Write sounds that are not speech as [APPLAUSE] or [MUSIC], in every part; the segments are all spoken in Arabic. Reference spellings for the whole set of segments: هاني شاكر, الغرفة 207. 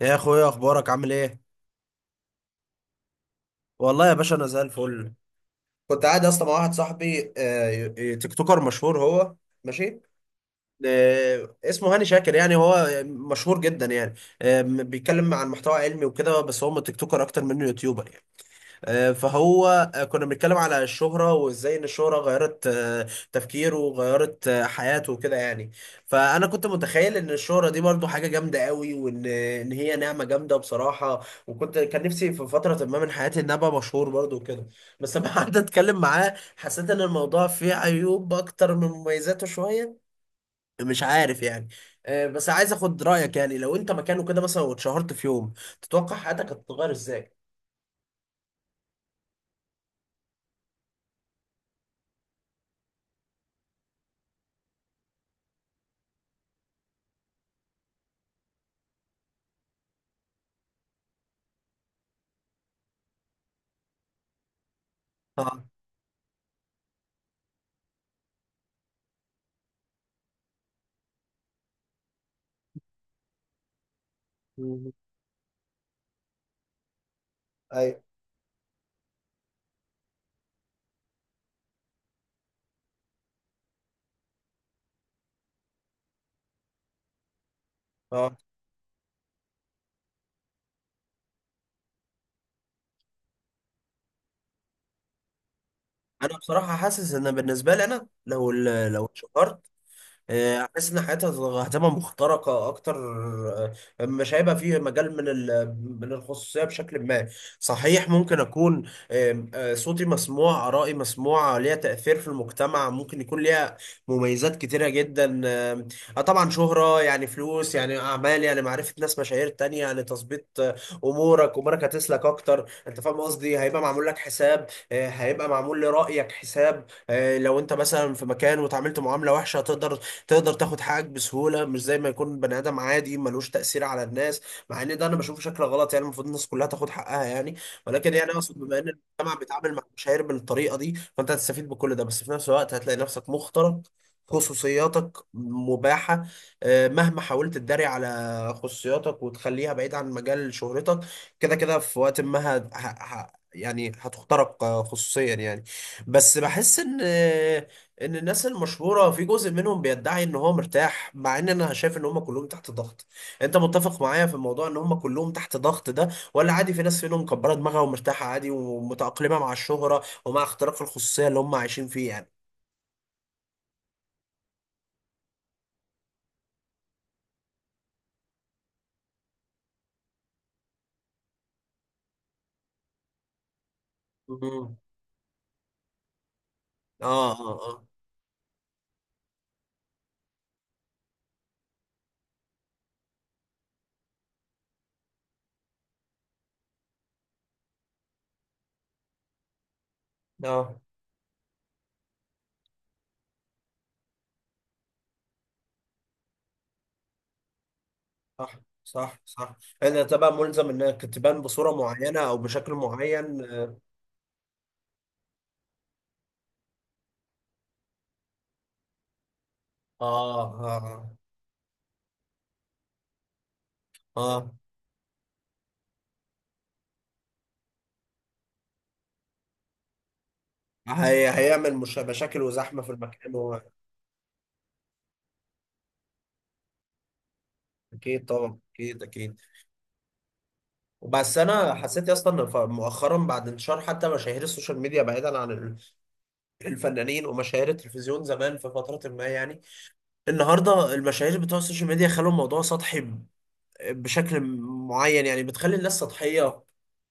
يا اخويا، اخبارك عامل ايه؟ والله يا باشا انا زي الفل. كنت قاعد اصلا مع واحد صاحبي تيك توكر مشهور هو. ماشي. اسمه هاني شاكر، يعني هو مشهور جدا يعني. بيتكلم عن محتوى علمي وكده، بس هو تيك توكر اكتر منه يوتيوبر يعني. فهو. كنا بنتكلم على الشهرة وازاي ان الشهرة غيرت تفكيره، وغيرت حياته وكده يعني. فانا كنت متخيل ان الشهرة دي برضو حاجة جامدة قوي، وان هي نعمة جامدة بصراحة. كان نفسي في فترة ما من حياتي ان أنا ابقى مشهور برضو وكده. بس لما [LAUGHS] قعدت اتكلم معاه حسيت ان الموضوع فيه عيوب اكتر من مميزاته شوية. مش عارف يعني. بس عايز اخد رأيك، يعني لو انت مكانه كده مثلا واتشهرت في يوم تتوقع حياتك هتتغير ازاي؟ اه. مم. ايوه. اه. انا بصراحه حاسس ان بالنسبه لي، انا لو لو اتشهرت. حاسس ان حياتها هتبقى مخترقه اكتر. مش هيبقى فيه مجال من الخصوصيه بشكل ما. صحيح، ممكن اكون آم، آه، صوتي مسموع، ارائي مسموعه ليها تاثير في المجتمع، ممكن يكون ليها مميزات كتيره جدا. آم، آه، طبعا شهره يعني فلوس، يعني اعمال، يعني معرفه ناس مشاهير تانية، يعني تظبيط. امورك هتسلك اكتر. انت فاهم قصدي، هيبقى معمول لك حساب، هيبقى معمول لرايك حساب. لو انت مثلا في مكان وتعاملت معامله وحشه تقدر تاخد حقك بسهوله، مش زي ما يكون بني ادم عادي ملوش تاثير على الناس. مع ان ده انا بشوفه شكل غلط يعني، المفروض الناس كلها تاخد حقها يعني. ولكن يعني اقصد بما ان المجتمع بيتعامل مع المشاهير بالطريقه دي، فانت هتستفيد بكل ده، بس في نفس الوقت هتلاقي نفسك مخترق، خصوصياتك مباحة. مهما حاولت تداري على خصوصياتك وتخليها بعيد عن مجال شهرتك، كده كده في وقت ما يعني هتخترق خصوصيا يعني. بس بحس ان الناس المشهوره في جزء منهم بيدعي ان هو مرتاح، مع ان انا شايف ان هم كلهم تحت ضغط. انت متفق معايا في الموضوع ان هم كلهم تحت ضغط ده، ولا عادي، في ناس فيهم مكبره دماغها ومرتاحه عادي ومتاقلمه مع الشهره ومع اختراق الخصوصيه اللي هم عايشين فيه يعني؟ مم. اه اه اه. اه. صح صح صح. ان انت بقى ملزم انك تبان بصوره معينه او بشكل معين. اه. اه اه, آه. هيعمل مش مشاكل وزحمه في المكان هو. اكيد طبعا، اكيد اكيد. بس انا حسيت يا اسطى ان مؤخرا بعد انتشار حتى مشاهير السوشيال ميديا بعيدا عن [CLEARS THROAT] الفنانين ومشاهير التلفزيون زمان في فتره ما يعني، النهارده المشاهير بتوع السوشيال ميديا خلوا الموضوع سطحي بشكل معين يعني، بتخلي الناس سطحيه،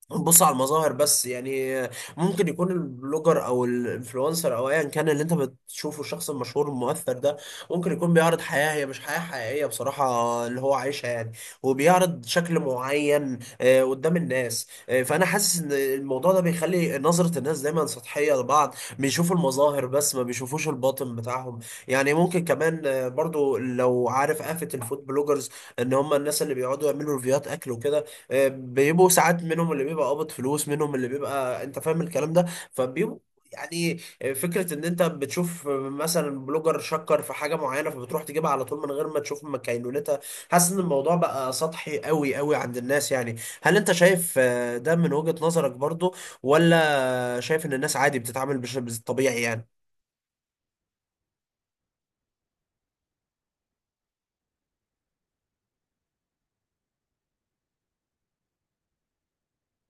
بص على المظاهر بس يعني. ممكن يكون البلوجر او الانفلونسر او ايا كان اللي انت بتشوفه، الشخص المشهور المؤثر ده ممكن يكون بيعرض حياة هي مش حياة حقيقية بصراحة اللي هو عايشها يعني، وبيعرض شكل معين قدام الناس. فانا حاسس ان الموضوع ده بيخلي نظرة الناس دايما سطحية لبعض، بيشوفوا المظاهر بس ما بيشوفوش الباطن بتاعهم. يعني ممكن كمان برضو لو عارف آفة الفود بلوجرز ان هم الناس اللي بيقعدوا يعملوا ريفيوهات اكل وكده، بيبقوا ساعات منهم اللي بيبقى قابض فلوس، منهم اللي بيبقى انت فاهم الكلام ده، فبيبقوا يعني. فكرة ان انت بتشوف مثلا بلوجر شكر في حاجة معينة، فبتروح تجيبها على طول من غير ما تشوف مكينونتها. حاسس ان الموضوع بقى سطحي قوي قوي عند الناس يعني. هل انت شايف ده من وجهة نظرك برضو، ولا شايف ان الناس عادي بتتعامل بالطبيعي يعني؟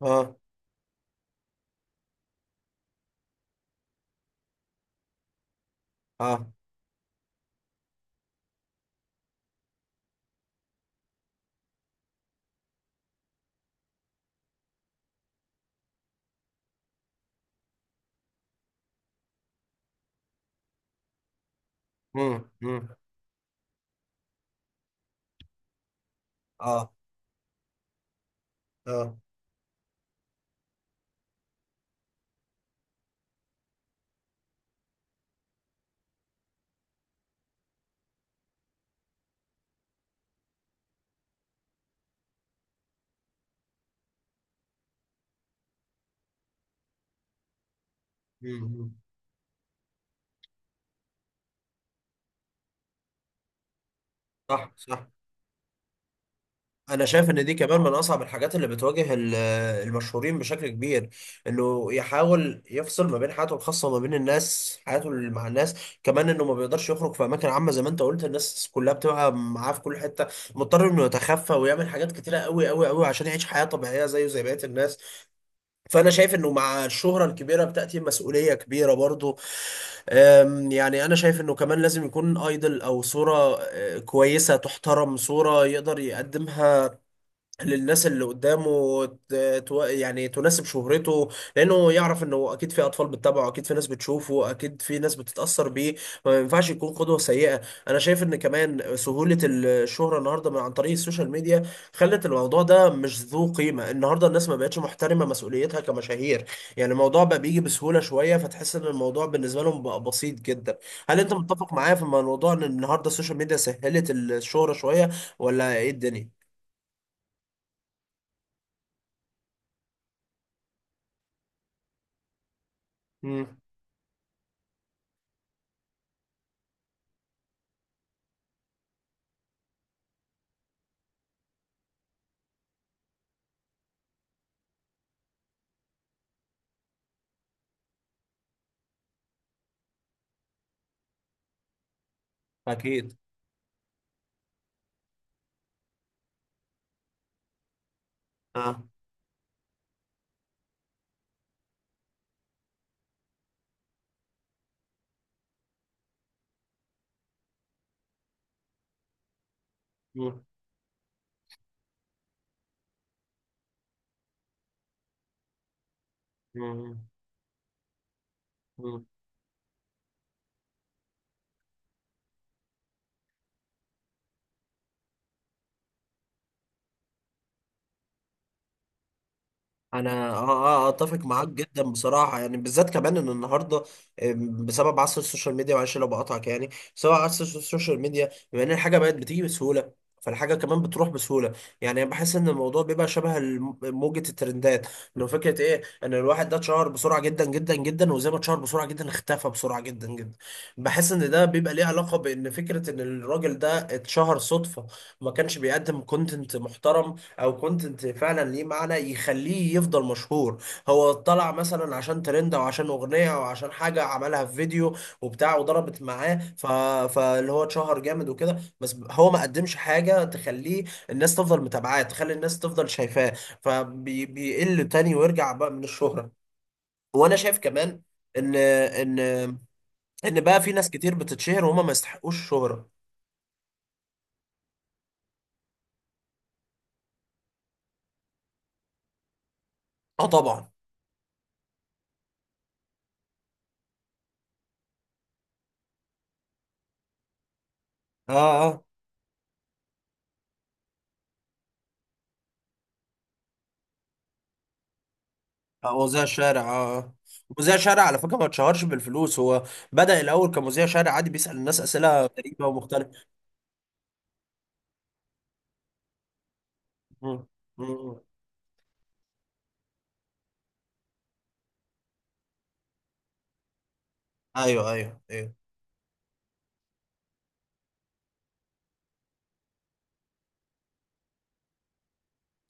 اه اه. امم. اه اه. مم، مم. صح صح. انا شايف ان دي كمان من اصعب الحاجات اللي بتواجه المشهورين بشكل كبير، انه يحاول يفصل ما بين حياته الخاصه وما بين الناس، حياته مع الناس. كمان انه ما بيقدرش يخرج في اماكن عامه زي ما انت قلت، الناس كلها بتبقى معاه في كل حته، مضطر انه يتخفى ويعمل حاجات كتيره قوي قوي قوي عشان يعيش حياه طبيعيه زيه زي بقيه الناس. فانا شايف انه مع الشهره الكبيره بتاتي مسؤوليه كبيره برضه. يعني انا شايف انه كمان لازم يكون ايدل او صوره كويسه تحترم، صوره يقدر يقدمها للناس اللي قدامه يعني تناسب شهرته، لانه يعرف انه اكيد في اطفال بتتابعه، اكيد في ناس بتشوفه، اكيد في ناس بتتاثر بيه، ما ينفعش يكون قدوه سيئه. انا شايف ان كمان سهوله الشهره النهارده عن طريق السوشيال ميديا خلت الموضوع ده مش ذو قيمه. النهارده الناس ما بقتش محترمه مسؤوليتها كمشاهير، يعني الموضوع بقى بيجي بسهوله شويه، فتحس ان الموضوع بالنسبه لهم بقى بسيط جدا. هل انت متفق معايا في الموضوع ان النهارده السوشيال ميديا سهلت الشهره شويه، ولا ايه الدنيا؟ مم. أكيد. اه. مم. مم. انا اتفق معاك جدا بصراحه، يعني بالذات كمان ان النهارده بسبب عصر السوشيال ميديا، معلش لو بقاطعك يعني، بسبب عصر السوشيال ميديا بما ان الحاجه بقت بتيجي بسهوله، فالحاجه كمان بتروح بسهوله. يعني بحس ان الموضوع بيبقى شبه موجه الترندات. لو فكره ايه ان الواحد ده اتشهر بسرعه جدا جدا جدا، وزي ما اتشهر بسرعه جدا اختفى بسرعه جدا جدا. بحس ان ده بيبقى ليه علاقه بان فكره ان الراجل ده اتشهر صدفه، ما كانش بيقدم كونتنت محترم او كونتنت فعلا ليه معنى يخليه يفضل مشهور. هو طلع مثلا عشان ترند او عشان اغنيه او عشان حاجه عملها في فيديو وبتاع، وضربت معاه فاللي هو اتشهر جامد وكده، بس هو ما قدمش حاجه تخليه الناس تفضل متابعاه، تخلي الناس تفضل شايفاه، فبيقل تاني ويرجع بقى من الشهره. وانا شايف كمان ان ان ان بقى في ناس كتير بتتشهر وهم ما يستحقوش الشهره. اه طبعا. اه. آه، مذيع شارع، اه، آه. مذيع شارع على فكره ما اتشهرش بالفلوس هو، بدأ الاول كمذيع شارع عادي بيسأل الناس اسئله غريبه ومختلفه. مم. مم. ايوه ايوه ايوه.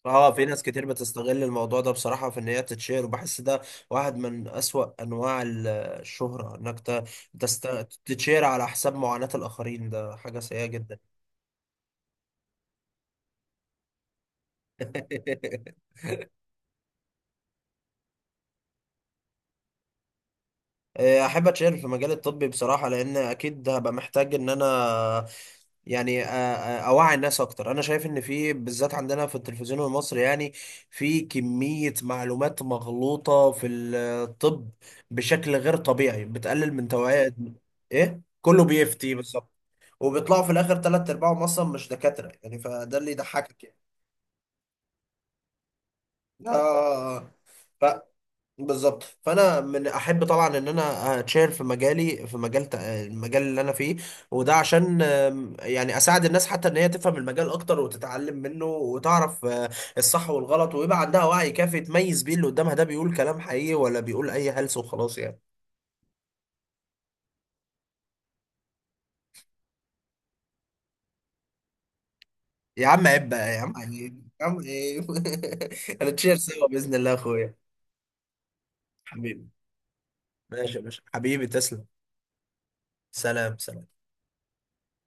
اه. في ناس كتير بتستغل الموضوع ده بصراحه في ان هي تتشهر، وبحس ده واحد من اسوأ انواع الشهره، انك تست... تتشهر على حساب معاناه الاخرين، ده حاجه سيئه جدا. [LAUGHS] احب اتشارك في مجال الطبي بصراحه، لان اكيد هبقى محتاج ان انا يعني اوعي الناس اكتر. انا شايف ان في بالذات عندنا في التلفزيون المصري يعني، في كميه معلومات مغلوطه في الطب بشكل غير طبيعي بتقلل من توعيه. ايه كله بيفتي بالظبط، وبيطلعوا في الاخر ثلاث ارباعهم اصلا مش دكاتره يعني، فده اللي يضحكك يعني. آه. بالظبط، فانا من احب طبعا ان انا اتشير في مجالي، في المجال اللي انا فيه. وده عشان يعني اساعد الناس حتى ان هي تفهم المجال اكتر وتتعلم منه وتعرف الصح والغلط، ويبقى عندها وعي كافي تميز بيه اللي قدامها ده بيقول كلام حقيقي ولا بيقول اي هلس وخلاص يعني. يا عم عيب بقى، يا عم عيب، يا عم عيب. [LAUGHS] هنتشير سوا باذن الله يا اخويا حبيبي. ماشي يا باشا، حبيبي، تسلم. سلام سلام.